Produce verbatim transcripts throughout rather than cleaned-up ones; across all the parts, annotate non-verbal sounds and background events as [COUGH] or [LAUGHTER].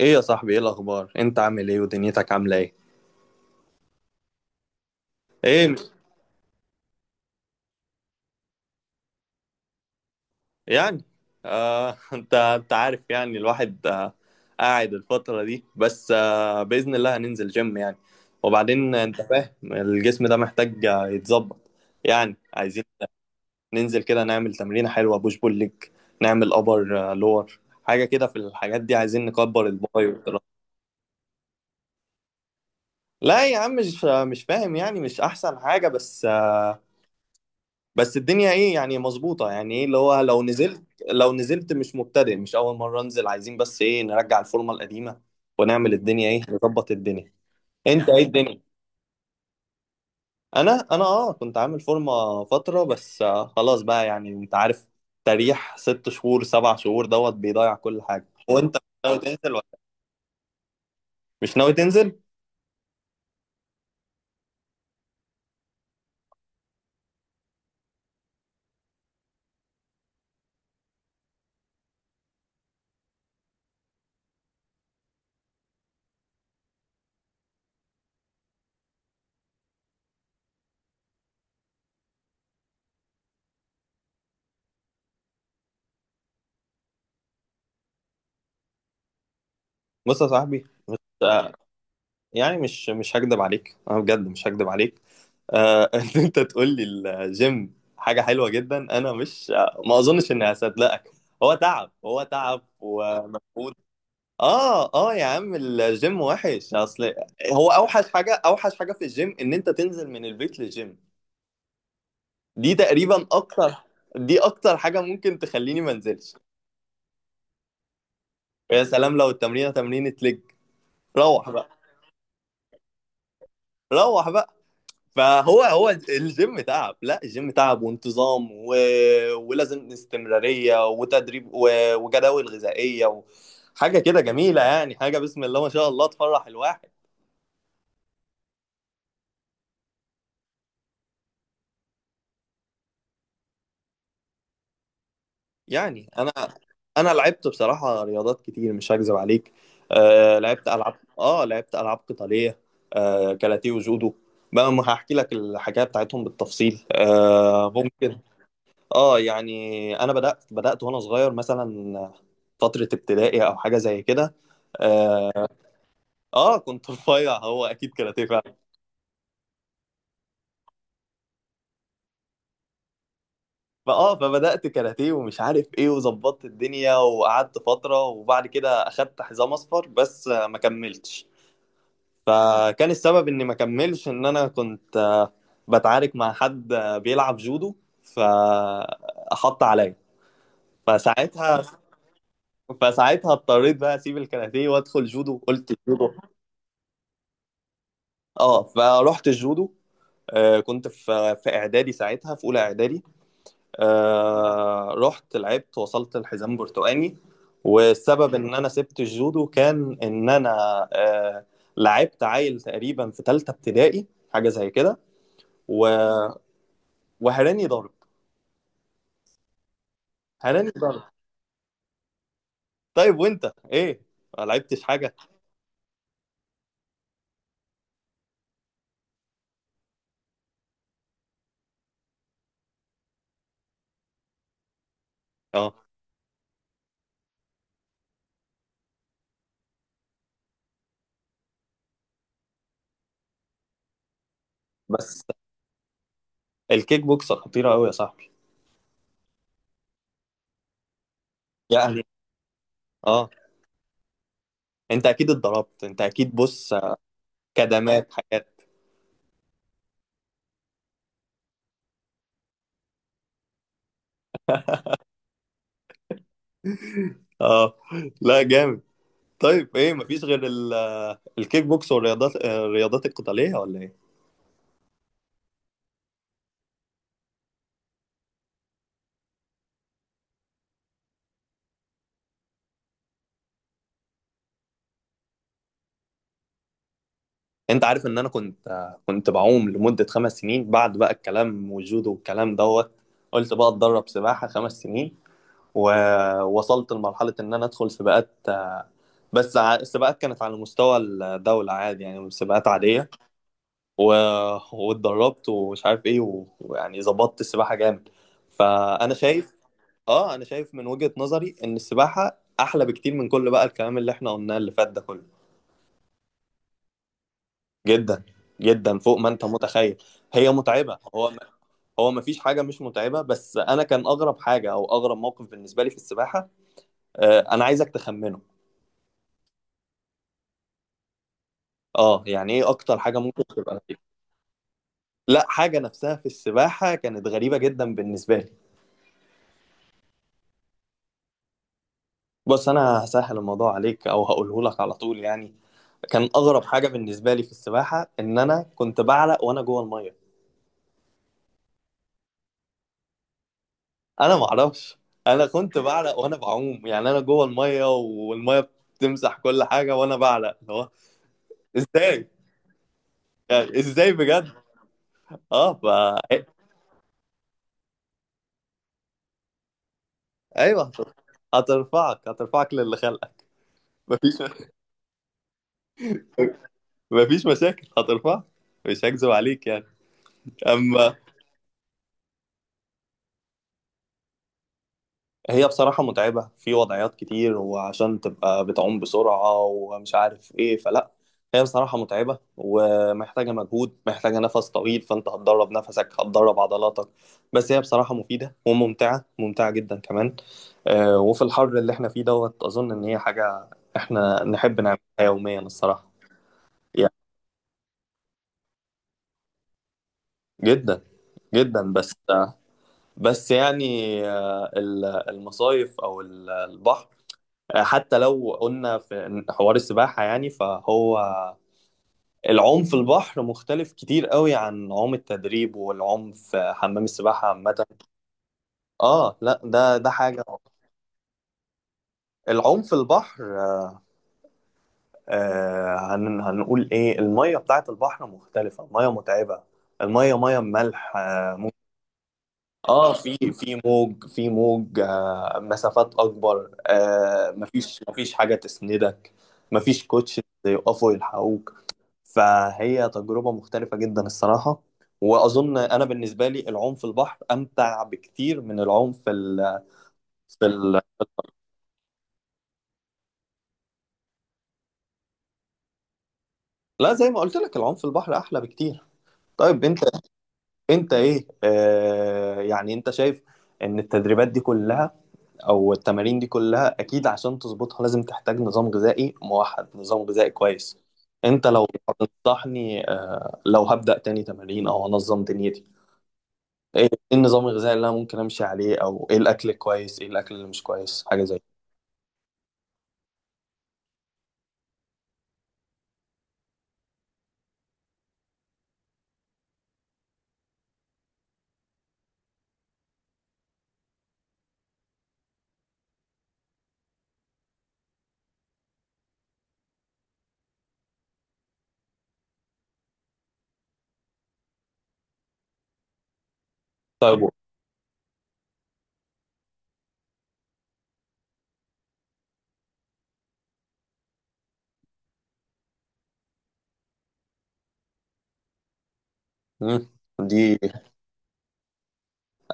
ايه يا صاحبي، ايه الاخبار؟ انت عامل ايه ودنيتك عامله ايه؟ ايه مش، يعني آه [LAUGHS] انت انت عارف يعني الواحد آه قاعد الفتره دي، بس آه باذن الله هننزل جيم يعني. وبعدين انت فاهم الجسم ده محتاج آه، يتظبط. يعني عايزين ننزل كده نعمل تمرينه حلوه بوش بول ليج، نعمل ابر لور، حاجه كده، في الحاجات دي عايزين نكبر الباي والتراي. لا يا عم، مش مش فاهم، يعني مش احسن حاجه، بس آه، بس الدنيا ايه يعني، مظبوطه، يعني ايه اللي هو لو نزلت، لو نزلت مش مبتدئ، مش اول مره انزل، عايزين بس ايه، نرجع الفورمه القديمه ونعمل الدنيا ايه، نظبط الدنيا. انت ايه الدنيا. انا انا اه كنت عامل فورمه فتره، بس آه خلاص بقى يعني، انت عارف، تريح ست شهور سبع شهور دوت بيضيع كل حاجه، وانت مش ناوي تنزل، ولا مش ناوي تنزل. بص يا صاحبي، يعني مش مش هكدب عليك، انا بجد مش هكدب عليك. آه [LAUGHS] ان انت تقول لي الجيم حاجه حلوه جدا، انا مش، ما اظنش اني هصدقك. هو تعب، هو تعب ومجهود. اه، اه يا عم، الجيم وحش اصل. هو اوحش حاجه، اوحش حاجه في الجيم، ان انت تنزل من البيت للجيم. دي تقريبا اكتر، دي اكتر حاجه ممكن تخليني ما انزلش. يا سلام لو التمرينه تمرينه لج. روح بقى، روح بقى. فهو هو الجيم تعب، لا الجيم تعب وانتظام و... ولازم استمرارية وتدريب و... وجداول غذائية و... حاجة كده جميلة يعني، حاجة بسم الله ما شاء الله تفرح الواحد. يعني انا انا لعبت بصراحة رياضات كتير، مش هكذب عليك. آه لعبت العاب اه لعبت العاب قتالية، آه كاراتيه وجودو. بقى ما هحكي لك الحكاية بتاعتهم بالتفصيل، آه ممكن. اه يعني انا بدات بدات وانا صغير، مثلا فتره ابتدائي او حاجه زي كده. اه، آه، كنت [LAUGHS] رفيع، هو اكيد كاراتيه فعلا. فاه فبدات كاراتيه ومش عارف ايه، وظبطت الدنيا وقعدت فتره، وبعد كده اخدت حزام اصفر، بس آه، ما كملتش. فكان السبب اني ما كملش ان انا كنت آه، بتعارك مع حد آه، بيلعب جودو، فحط عليا. فساعتها، فساعتها اضطريت بقى اسيب الكاراتيه وادخل جودو. قلت اه فروحت الجودو. آه كنت في في اعدادي ساعتها، في اولى اعدادي. آه رحت لعبت، وصلت الحزام برتقاني. والسبب ان انا سبت الجودو كان ان انا آه لعبت عيل تقريبا في ثالثه ابتدائي، حاجه زي كده، و- وهراني ضرب، هراني ضرب. طيب وانت ايه، ما لعبتش حاجه؟ اه بس الكيك بوكس خطيره قوي يا صاحبي. يعني، اه انت اكيد اتضربت، انت اكيد، بص آه، كدمات، حاجات. اه، لا جامد. طيب ايه، مفيش غير ال- الكيك بوكس والرياضات، الرياضات القتالية ولا ايه؟ انت عارف ان انا كنت كنت بعوم لمدة خمس سنين، بعد بقى الكلام والجودو والكلام دوت. قلت بقى اتدرب سباحة خمس سنين، ووصلت لمرحلة ان انا ادخل سباقات. بس ع- السباقات كانت على مستوى الدولة، عادي يعني، سباقات عادية و... واتدربت ومش عارف ايه، و- ويعني ظبطت السباحة جامد. فانا شايف، اه انا شايف من وجهة نظري ان السباحة احلى بكتير من كل بقى الكلام اللي احنا قلناه اللي فات ده كله. جدا، جدا فوق ما انت متخيل. هي متعبة، هو ما، هو ما فيش حاجة مش متعبة، بس انا كان اغرب حاجة او اغرب موقف بالنسبة لي في السباحة. آه انا عايزك تخمنه. اه يعني ايه اكتر حاجة ممكن تبقى؟ لا، حاجة نفسها في السباحة كانت غريبة جدا بالنسبة لي. بص انا هسهل الموضوع عليك، او هقوله لك على طول يعني. كان اغرب حاجة بالنسبة لي في السباحة ان انا كنت بعلق وانا جوه المية. انا ما اعرفش، انا كنت بعرق وانا بعوم، يعني انا جوه الميه والميه بتمسح كل حاجه وانا بعرق، اللي هو ازاي يعني، ازاي بجد. اه ف... ايوه هت- هترفعك هترفعك للي خلقك. مفيش [LAUGHS] مفيش مشاكل، هترفعك، مش هكذب عليك يعني. اما هي بصراحة متعبة في وضعيات كتير، وعشان تبقى بتعوم بسرعة ومش عارف ايه، فلا، هي بصراحة متعبة ومحتاجة مجهود، محتاجة نفس طويل، فانت هتدرب نفسك، هتدرب عضلاتك. بس هي بصراحة مفيدة وممتعة، ممتعة جدا كمان. آه، وفي الحر اللي احنا فيه دوت أظن إن هي حاجة احنا نحب نعملها يوميا الصراحة. يعني، جدا، جدا، بس، بس يعني آه، ال- المصايف أو ال- البحر، آه، حتى لو قلنا في حوار السباحة يعني، فهو العوم في البحر مختلف كتير قوي عن عوم التدريب والعوم في حمام السباحة عامة. اه، لا، ده ده حاجة. العوم في البحر، آه هن هنقول ايه، المية بتاعت البحر مختلفة، المية متعبة، المية مية ملح، اه مو- آه، في في موج، في موج، آه مسافات اكبر، آه مفيش مفيش حاجة تسندك، مفيش كوتش يقفوا يلحقوك. فهي تجربة مختلفة جدا الصراحة. وأظن أنا بالنسبة لي العوم في البحر أمتع بكتير من العوم في ال... في ال... لا، زي ما قلت لك، العوم في البحر أحلى بكتير. طيب أنت، أنت إيه آه... يعني أنت شايف إن التدريبات دي كلها، أو التمارين دي كلها، أكيد عشان تظبطها لازم تحتاج نظام غذائي موحد، نظام غذائي كويس. أنت لو هتنصحني آه... لو هبدأ تاني تمارين أو أنظم دنيتي، ايه إيه النظام الغذائي اللي انا ممكن امشي عليه، او ايه الاكل الكويس، ايه الاكل اللي مش كويس، حاجه زي كده. طيب و- مم. دي،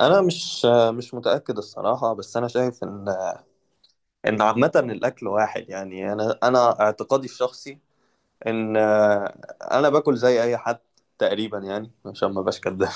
انا مش، مش متاكد الصراحه، بس انا شايف ان، ان عامه الاكل واحد يعني، انا انا اعتقادي الشخصي ان آه، انا باكل زي اي حد تقريبا يعني، عشان ما بقاش كداب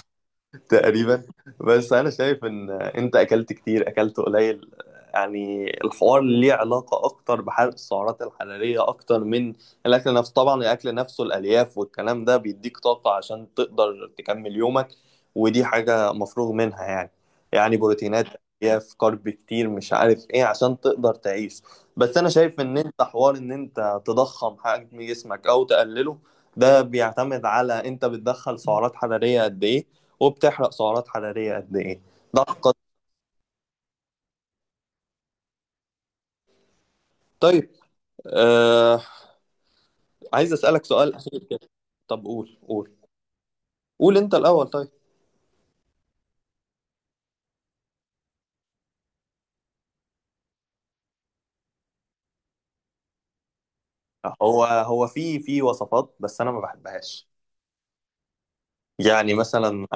تقريبا. بس انا شايف ان انت اكلت كتير اكلت قليل، يعني الحوار ليه علاقة أكتر بحرق السعرات الحرارية أكتر من الأكل نفسه. طبعا الأكل نفسه، الألياف والكلام ده بيديك طاقة عشان تقدر تكمل يومك، ودي حاجة مفروغ منها يعني. يعني بروتينات، ألياف، كارب كتير، مش عارف إيه، عشان تقدر تعيش. بس أنا شايف إن أنت حوار إن أنت تضخم حجم جسمك أو تقلله، ده بيعتمد على أنت بتدخل سعرات حرارية قد إيه، وبتحرق سعرات حرارية قد إيه. ده القضية. طيب، آه عايز أسألك سؤال أخير. طب قول، قول، قول أنت الأول، طيب. هو هو في في وصفات، بس أنا ما بحبهاش يعني مثلا.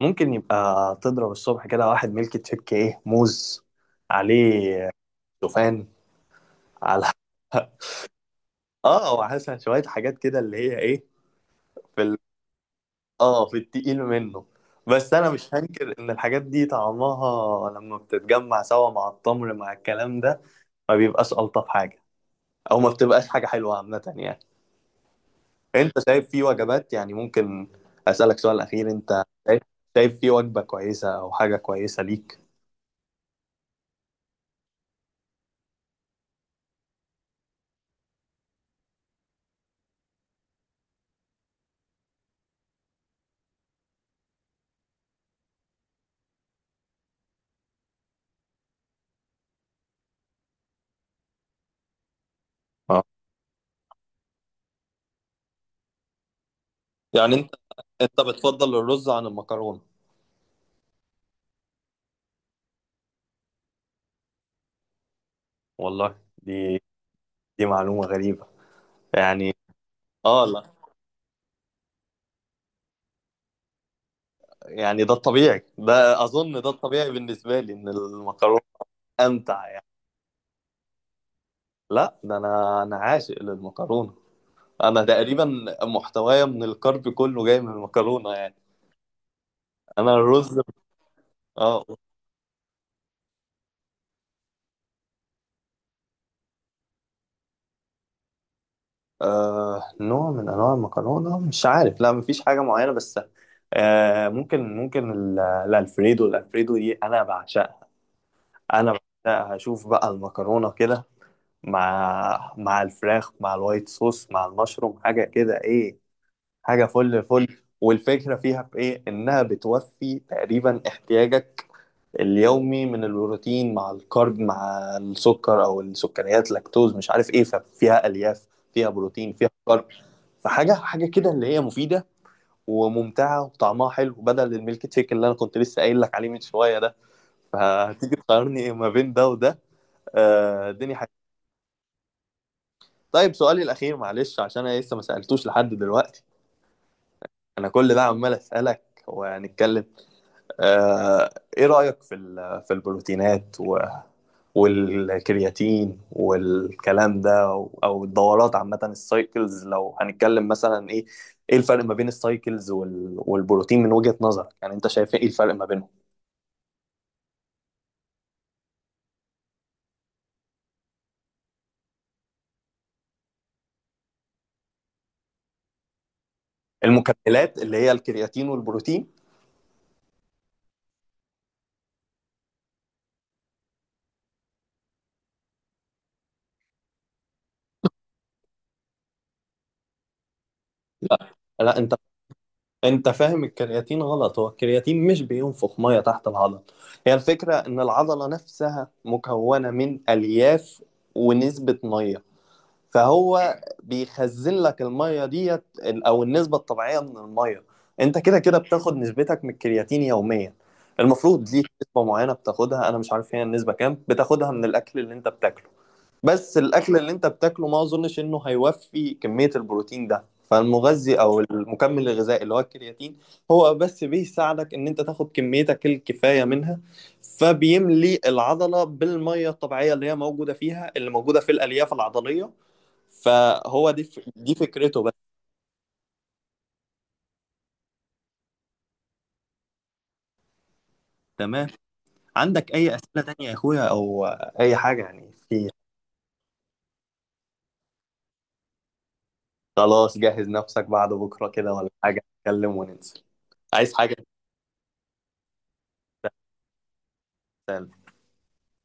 ممكن يبقى تضرب الصبح كده واحد ميلك تشيك، إيه، موز عليه، شوفان على [LAUGHS] اه وعسل، شوية حاجات كده، اللي هي إيه، في ال... اه في التقيل منه. بس أنا مش هنكر إن الحاجات دي طعمها لما بتتجمع سوا مع التمر مع الكلام ده، ما بيبقاش ألطف حاجة، أو ما بتبقاش حاجة حلوة عامة يعني. أنت شايف في وجبات يعني ممكن، أسألك سؤال أخير، أنت شايف، شايف في وجبة كويسة أو حاجة كويسة ليك؟ اه، يعني أنت، أنت بتفضل الرز عن المكرونة؟ والله دي دي معلومة غريبة يعني. آه لا، يعني ده الطبيعي، ده أظن ده الطبيعي بالنسبة لي، إن المكرونة أمتع يعني. لا، ده أنا، أنا عاشق للمكرونة. أنا تقريبا محتوايا من الكارب كله جاي من المكرونة يعني. أنا الرز اه آه نوع من انواع المكرونه، مش عارف، لا مفيش حاجه معينه، بس آه ممكن، ممكن ال- الالفريدو، الالفريدو دي انا بعشقها. انا بعشقها، اشوف بقى المكرونه كده، مع مع الفراخ، مع الوايت صوص، مع المشروم، حاجه كده، ايه، حاجه فل فل. والفكره فيها في ايه، انها بتوفي تقريبا احتياجك اليومي من البروتين، مع الكارب، مع السكر او السكريات، لاكتوز، مش عارف ايه. ففيها الياف، فيها بروتين، فيها كارب. فحاجه، حاجه كده، اللي هي مفيده وممتعه وطعمها حلو، بدل الميلك شيك اللي انا كنت لسه قايل لك عليه من شويه ده. فهتيجي تقارني ما بين ده وده، آه الدنيا حاجة. طيب سؤالي الاخير، معلش، عشان انا لسه ما سالتوش لحد دلوقتي، انا كل ده عمال اسالك وهنتكلم. آه، ايه رأيك في ال- في البروتينات، و- والكرياتين والكلام ده، او الدورات عامة، السايكلز. لو هنتكلم مثلا، ايه ايه الفرق ما بين السايكلز وال- والبروتين من وجهة نظرك؟ يعني انت شايف ايه الفرق ما بينهم؟ المكملات اللي هي الكرياتين والبروتين. لا، انت انت فاهم الكرياتين غلط، هو الكرياتين مش بينفخ ميه تحت العضل. هي الفكرة ان العضلة نفسها مكونة من الياف ونسبة ميه. فهو بيخزن لك الميه ديت، ال- او النسبه الطبيعيه من الميه. انت كده كده بتاخد نسبتك من الكرياتين يوميا، المفروض ليك نسبه معينه بتاخدها، انا مش عارف هي النسبه كام، بتاخدها من الاكل اللي انت بتاكله. بس الاكل اللي انت بتاكله ما اظنش انه هيوفي كميه البروتين ده، فالمغذي او المكمل الغذائي اللي هو الكرياتين هو بس بيساعدك ان انت تاخد كميتك الكفايه منها، فبيملي العضله بالميه الطبيعيه اللي هي موجوده فيها، اللي موجوده في الالياف العضليه. فهو دي ف... دي فكرته بس. تمام. عندك اي اسئله تانية يا اخويا، او اي حاجه يعني، في. خلاص جهز نفسك بعد بكره كده ولا حاجه، نتكلم وننزل. عايز حاجه؟